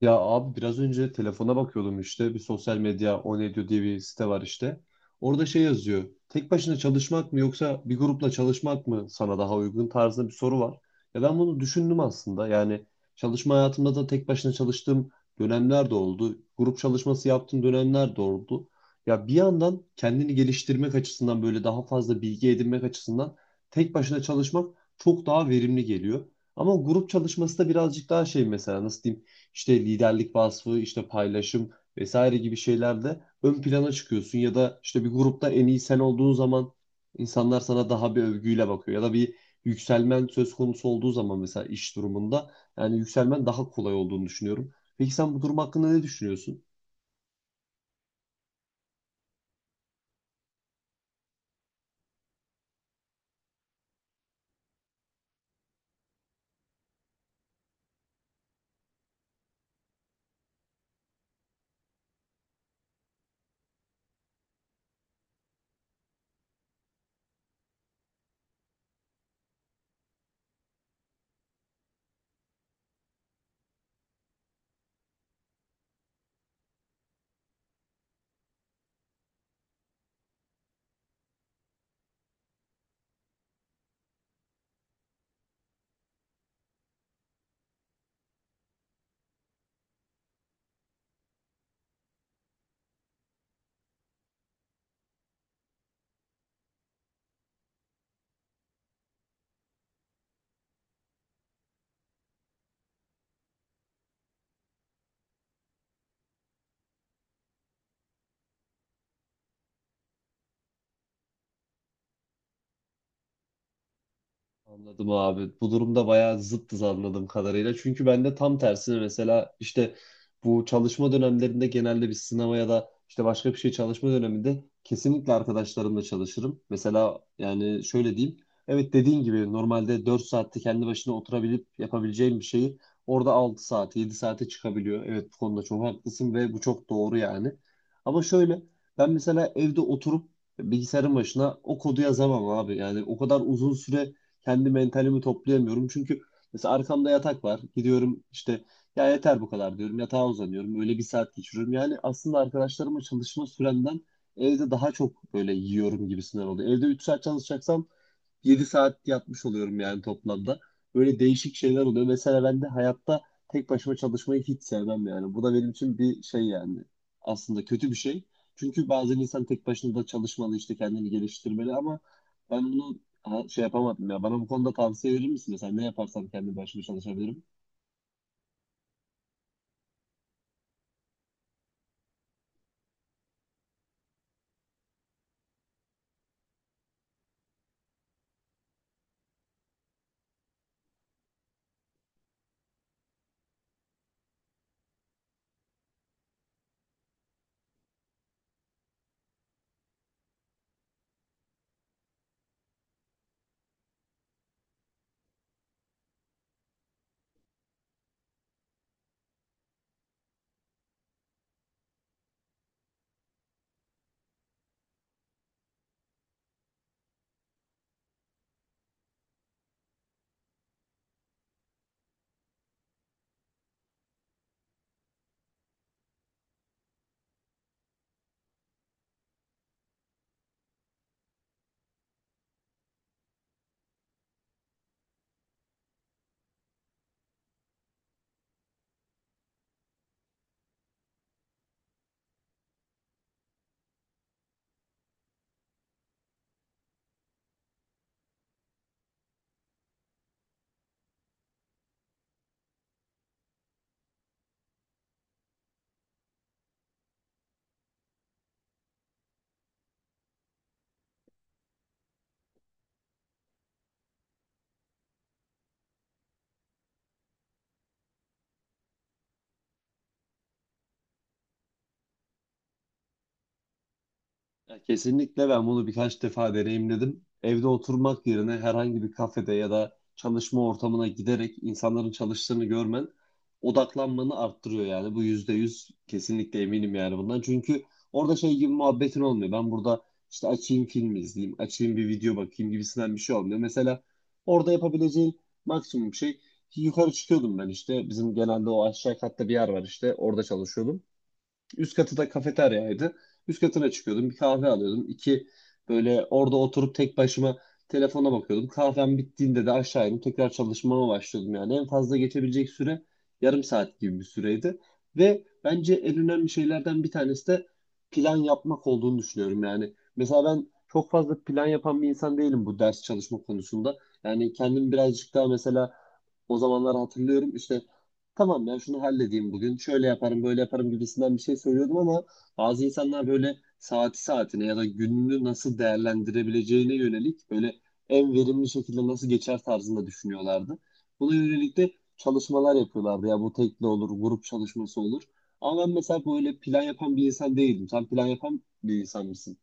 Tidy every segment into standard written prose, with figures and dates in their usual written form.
Ya abi biraz önce telefona bakıyordum işte bir sosyal medya o ne diyor diye bir site var işte. Orada şey yazıyor. Tek başına çalışmak mı yoksa bir grupla çalışmak mı sana daha uygun tarzında bir soru var. Ya ben bunu düşündüm aslında. Yani çalışma hayatımda da tek başına çalıştığım dönemler de oldu. Grup çalışması yaptığım dönemler de oldu. Ya bir yandan kendini geliştirmek açısından böyle daha fazla bilgi edinmek açısından tek başına çalışmak çok daha verimli geliyor. Ama grup çalışması da birazcık daha şey, mesela nasıl diyeyim? İşte liderlik vasfı, işte paylaşım vesaire gibi şeylerde ön plana çıkıyorsun ya da işte bir grupta en iyi sen olduğun zaman insanlar sana daha bir övgüyle bakıyor ya da bir yükselmen söz konusu olduğu zaman, mesela iş durumunda, yani yükselmen daha kolay olduğunu düşünüyorum. Peki sen bu durum hakkında ne düşünüyorsun? Anladım abi. Bu durumda bayağı zıttız anladığım kadarıyla. Çünkü ben de tam tersine, mesela işte bu çalışma dönemlerinde genelde bir sınava ya da işte başka bir şey çalışma döneminde kesinlikle arkadaşlarımla çalışırım. Mesela yani şöyle diyeyim. Evet, dediğin gibi normalde 4 saatte kendi başına oturabilip yapabileceğim bir şeyi orada 6 saat 7 saate çıkabiliyor. Evet, bu konuda çok haklısın ve bu çok doğru yani. Ama şöyle, ben mesela evde oturup bilgisayarın başına o kodu yazamam abi. Yani o kadar uzun süre kendi mentalimi toplayamıyorum. Çünkü mesela arkamda yatak var. Gidiyorum işte, ya yeter bu kadar diyorum. Yatağa uzanıyorum. Öyle bir saat geçiriyorum. Yani aslında arkadaşlarımla çalışma süremden evde daha çok böyle yiyorum gibisinden oluyor. Evde 3 saat çalışacaksam 7 saat yatmış oluyorum yani toplamda. Böyle değişik şeyler oluyor. Mesela ben de hayatta tek başıma çalışmayı hiç sevmem yani. Bu da benim için bir şey yani. Aslında kötü bir şey. Çünkü bazen insan tek başına da çalışmalı, işte kendini geliştirmeli, ama ben bunu şey yapamadım ya. Bana bu konuda tavsiye verir misin? Mesela ne yaparsam kendi başıma çalışabilirim? Ya kesinlikle, ben bunu birkaç defa deneyimledim. Evde oturmak yerine herhangi bir kafede ya da çalışma ortamına giderek insanların çalıştığını görmen odaklanmanı arttırıyor yani. Bu %100 kesinlikle eminim yani bundan. Çünkü orada şey gibi muhabbetin olmuyor. Ben burada işte açayım film izleyeyim, açayım bir video bakayım gibisinden bir şey olmuyor. Mesela orada yapabileceğin maksimum şey, yukarı çıkıyordum ben işte. Bizim genelde o aşağı katta bir yer var işte, orada çalışıyordum. Üst katı da kafeteryaydı. Üst katına çıkıyordum. Bir kahve alıyordum. İki böyle orada oturup tek başıma telefona bakıyordum. Kahvem bittiğinde de aşağı inip tekrar çalışmama başlıyordum yani. En fazla geçebilecek süre yarım saat gibi bir süreydi. Ve bence en önemli şeylerden bir tanesi de plan yapmak olduğunu düşünüyorum yani. Mesela ben çok fazla plan yapan bir insan değilim bu ders çalışma konusunda. Yani kendim birazcık daha, mesela o zamanlar hatırlıyorum işte, tamam ya şunu halledeyim bugün, şöyle yaparım böyle yaparım gibisinden bir şey söylüyordum ama bazı insanlar böyle saati saatine ya da gününü nasıl değerlendirebileceğine yönelik, böyle en verimli şekilde nasıl geçer tarzında düşünüyorlardı. Buna yönelik de çalışmalar yapıyorlardı ya, bu tekli olur grup çalışması olur. Ama ben mesela böyle plan yapan bir insan değildim. Sen plan yapan bir insan mısın?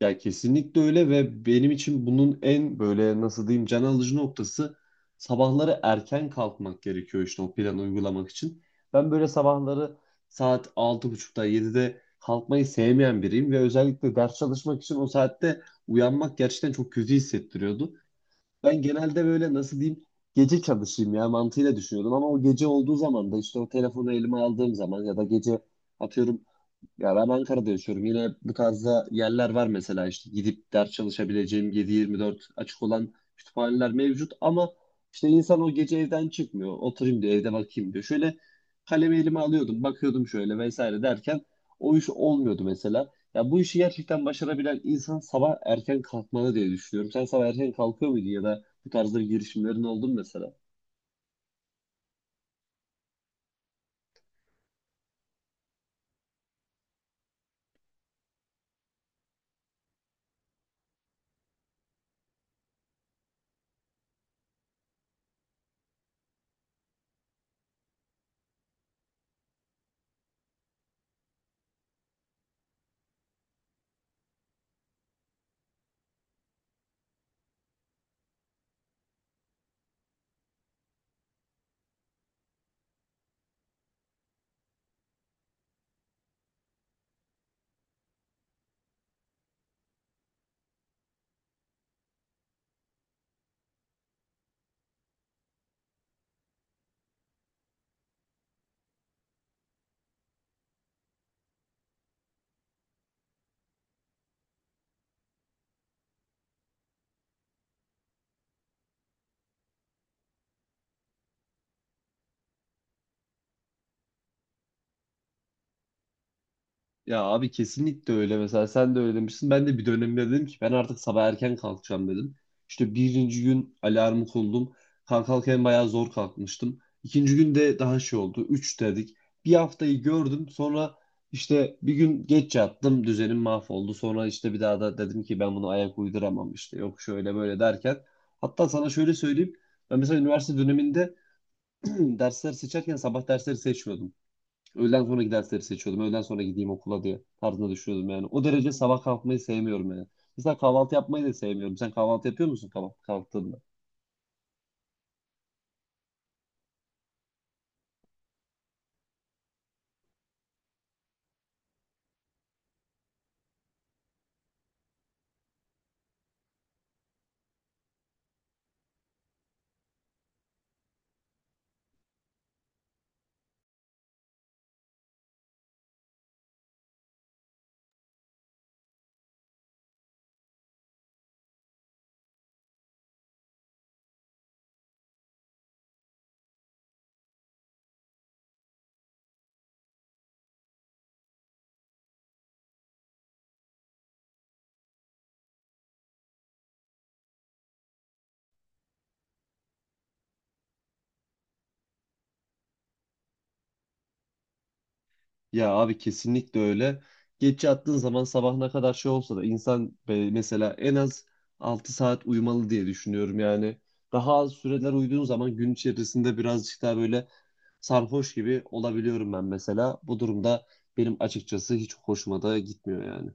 Ya kesinlikle öyle, ve benim için bunun en böyle, nasıl diyeyim, can alıcı noktası sabahları erken kalkmak gerekiyor işte o planı uygulamak için. Ben böyle sabahları saat 6.30'da 7'de kalkmayı sevmeyen biriyim ve özellikle ders çalışmak için o saatte uyanmak gerçekten çok kötü hissettiriyordu. Ben genelde böyle, nasıl diyeyim, gece çalışayım ya mantığıyla düşünüyordum ama o gece olduğu zaman da işte o telefonu elime aldığım zaman ya da gece, atıyorum, ya ben Ankara'da yaşıyorum. Yine bu tarzda yerler var mesela, işte gidip ders çalışabileceğim 7/24 açık olan kütüphaneler mevcut ama işte insan o gece evden çıkmıyor. Oturayım diyor, evde bakayım diyor. Şöyle kalemi elime alıyordum, bakıyordum şöyle vesaire derken o iş olmuyordu mesela. Ya bu işi gerçekten başarabilen insan sabah erken kalkmalı diye düşünüyorum. Sen sabah erken kalkıyor muydun ya da bu tarzda bir girişimlerin oldu mu mesela? Ya abi kesinlikle öyle. Mesela sen de öyle demiştin. Ben de bir dönemde dedim ki ben artık sabah erken kalkacağım dedim. İşte birinci gün alarmı kurdum. Kalken bayağı zor kalkmıştım. İkinci gün de daha şey oldu. Üç dedik. Bir haftayı gördüm. Sonra işte bir gün geç yattım. Düzenim mahvoldu. Sonra işte bir daha da dedim ki ben bunu ayak uyduramam işte. Yok şöyle böyle derken. Hatta sana şöyle söyleyeyim. Ben mesela üniversite döneminde dersler seçerken sabah dersleri seçmiyordum. Öğleden sonraki dersleri seçiyordum. Öğleden sonra gideyim okula diye tarzına düşüyordum yani. O derece sabah kalkmayı sevmiyorum yani. Mesela kahvaltı yapmayı da sevmiyorum. Sen kahvaltı yapıyor musun kahvaltı kalktığında? Ya abi kesinlikle öyle. Geç yattığın zaman sabah ne kadar şey olsa da insan, mesela en az 6 saat uyumalı diye düşünüyorum yani. Daha az süreler uyuduğun zaman gün içerisinde birazcık daha böyle sarhoş gibi olabiliyorum ben mesela. Bu durumda benim açıkçası hiç hoşuma da gitmiyor yani.